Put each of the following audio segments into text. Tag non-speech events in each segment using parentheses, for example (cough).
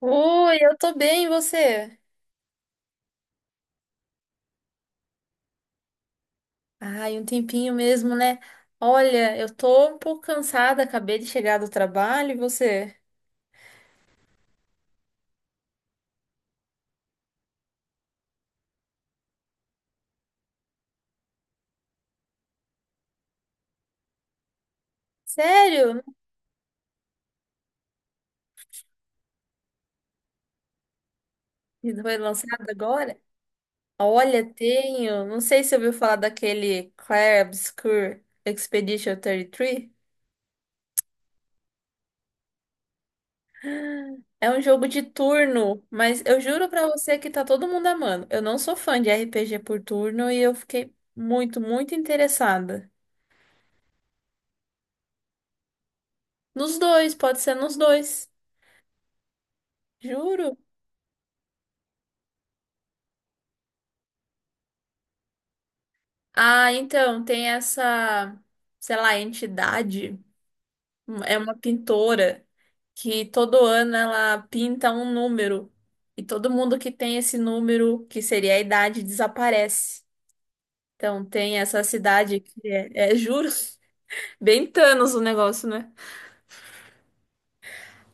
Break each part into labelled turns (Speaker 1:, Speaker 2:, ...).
Speaker 1: Oi, eu tô bem, e você? Ai, um tempinho mesmo, né? Olha, eu tô um pouco cansada, acabei de chegar do trabalho, e você? Sério? Não, foi lançado agora? Olha, tenho. Não sei se você ouviu falar daquele Clair Obscur Expedition 33. É um jogo de turno, mas eu juro pra você que tá todo mundo amando. Eu não sou fã de RPG por turno e eu fiquei muito, muito interessada. Nos dois, pode ser nos dois. Juro. Ah, então, tem essa, sei lá, entidade, é uma pintora que todo ano ela pinta um número, e todo mundo que tem esse número, que seria a idade, desaparece. Então, tem essa cidade que é, juro, (laughs) bem Thanos o negócio, né?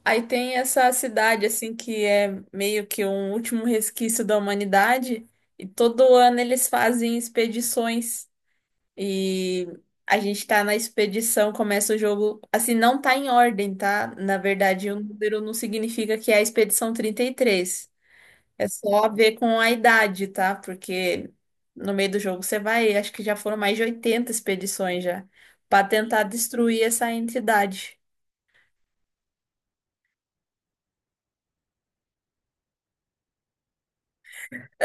Speaker 1: Aí tem essa cidade, assim, que é meio que um último resquício da humanidade e todo ano eles fazem expedições. E a gente tá na expedição, começa o jogo. Assim, não tá em ordem, tá? Na verdade, o número não significa que é a expedição 33. É só a ver com a idade, tá? Porque no meio do jogo você vai, acho que já foram mais de 80 expedições já, pra tentar destruir essa entidade.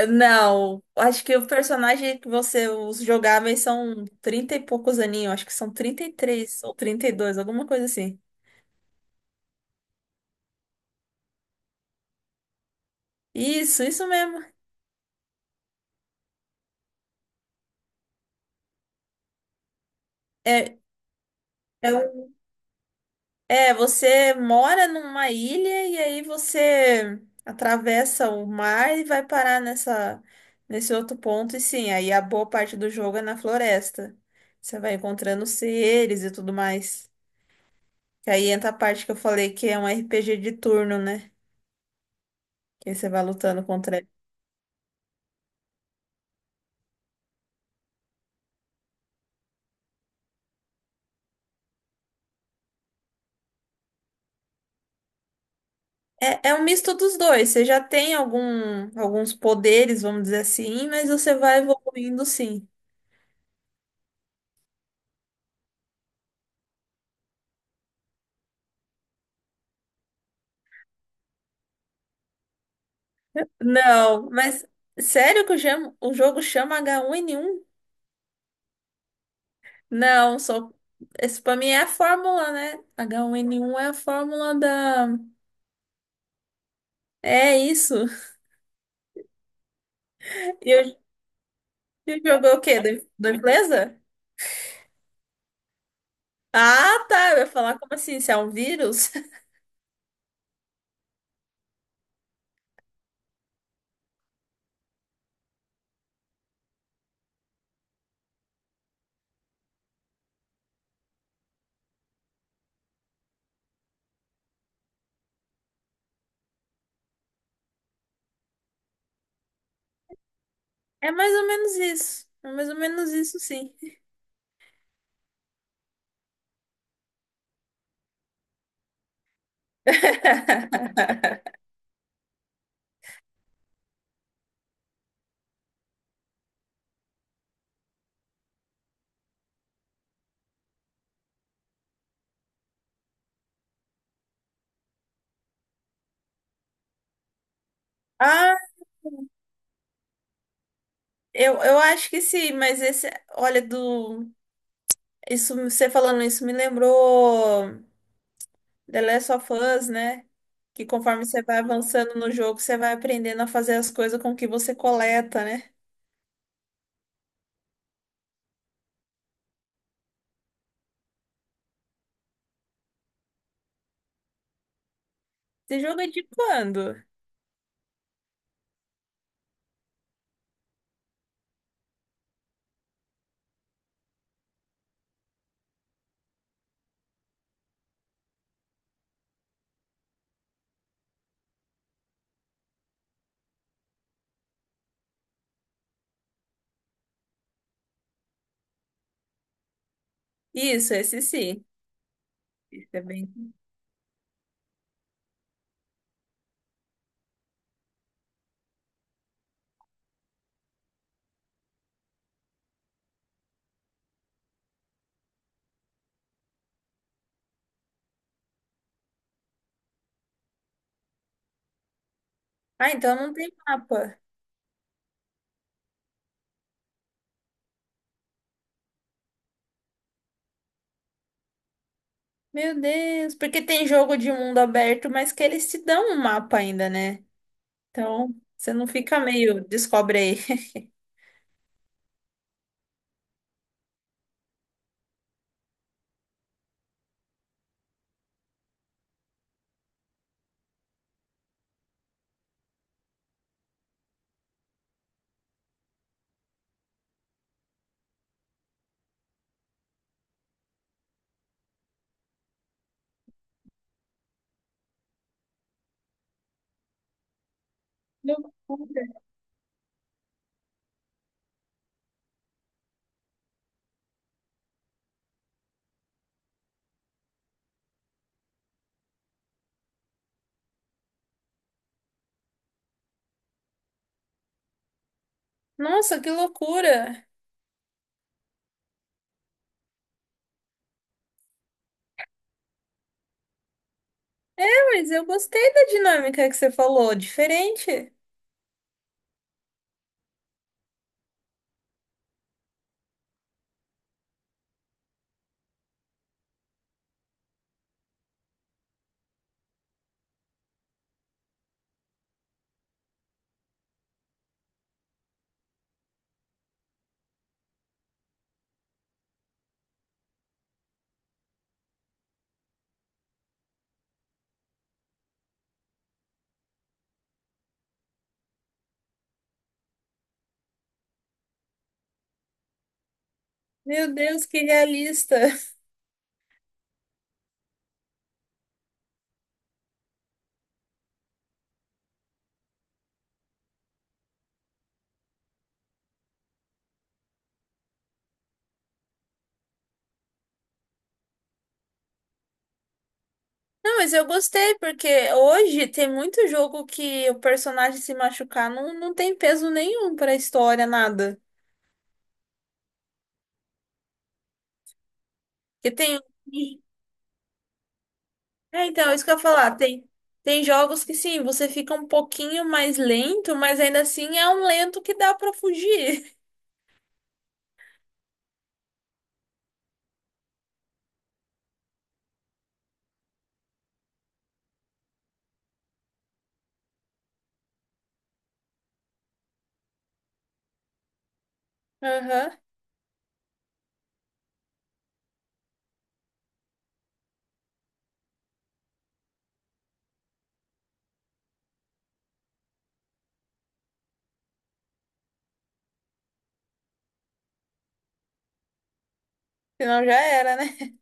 Speaker 1: Não, acho que o personagem que você, os jogáveis são 30 e poucos aninhos, acho que são 33 ou 32, alguma coisa assim. Isso mesmo. É, é, um É, você mora numa ilha e aí você atravessa o mar e vai parar nessa, nesse outro ponto. E sim, aí a boa parte do jogo é na floresta. Você vai encontrando seres e tudo mais. E aí entra a parte que eu falei que é um RPG de turno, né? Que aí você vai lutando contra ele. É, é um misto dos dois. Você já tem algum, alguns poderes, vamos dizer assim, mas você vai evoluindo, sim. Não, mas sério que o, o jogo chama H1N1? Não, sou. Esse pra mim é a fórmula, né? H1N1 é a fórmula da... É isso. (laughs) E eu, eu jogo é o quê? Do empresa? Ah, tá. Eu ia falar, como assim? Se é um vírus? (laughs) É mais ou menos isso. É mais ou menos isso, sim. (laughs) Ah, eu acho que sim, mas esse... Olha, do... Isso, você falando isso me lembrou. The Last of Us, né? Que conforme você vai avançando no jogo, você vai aprendendo a fazer as coisas com o que você coleta, né? Esse jogo é de quando? Isso, esse sim. Esse é bem... Ah, então não tem mapa. Meu Deus, porque tem jogo de mundo aberto, mas que eles te dão um mapa ainda, né? Então, você não fica meio, descobre aí. (laughs) Loucura. Nossa, que loucura! É, mas eu gostei da dinâmica que você falou, diferente. Meu Deus, que realista. Não, mas eu gostei, porque hoje tem muito jogo que o personagem se machucar não, não tem peso nenhum pra história, nada. Porque tem. um, É, então, é isso que eu ia falar. Tem jogos que sim, você fica um pouquinho mais lento, mas ainda assim é um lento que dá pra fugir. (laughs) Aham. Senão já era, né?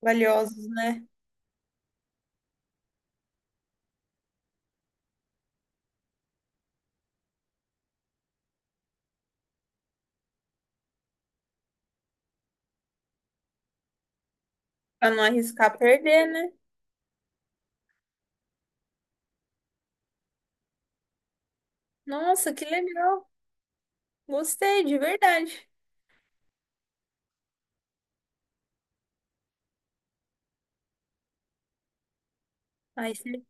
Speaker 1: Valiosos, né? Pra não arriscar perder, né? Nossa, que legal. Gostei, de verdade. Aí, você-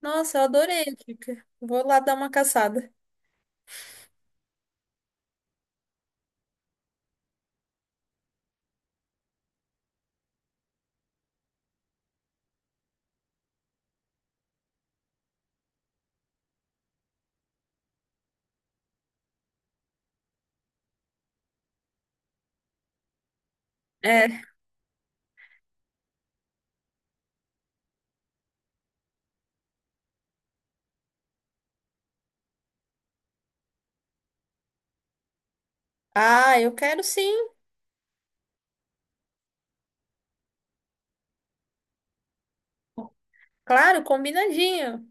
Speaker 1: nossa, eu adorei, Kika. Vou lá dar uma caçada. É. Ah, eu quero, sim. Claro, combinadinho.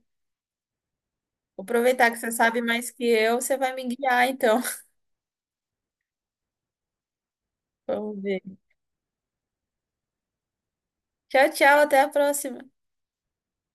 Speaker 1: Vou aproveitar que você sabe mais que eu, você vai me guiar, então. (laughs) Vamos ver. Tchau, tchau, até a próxima.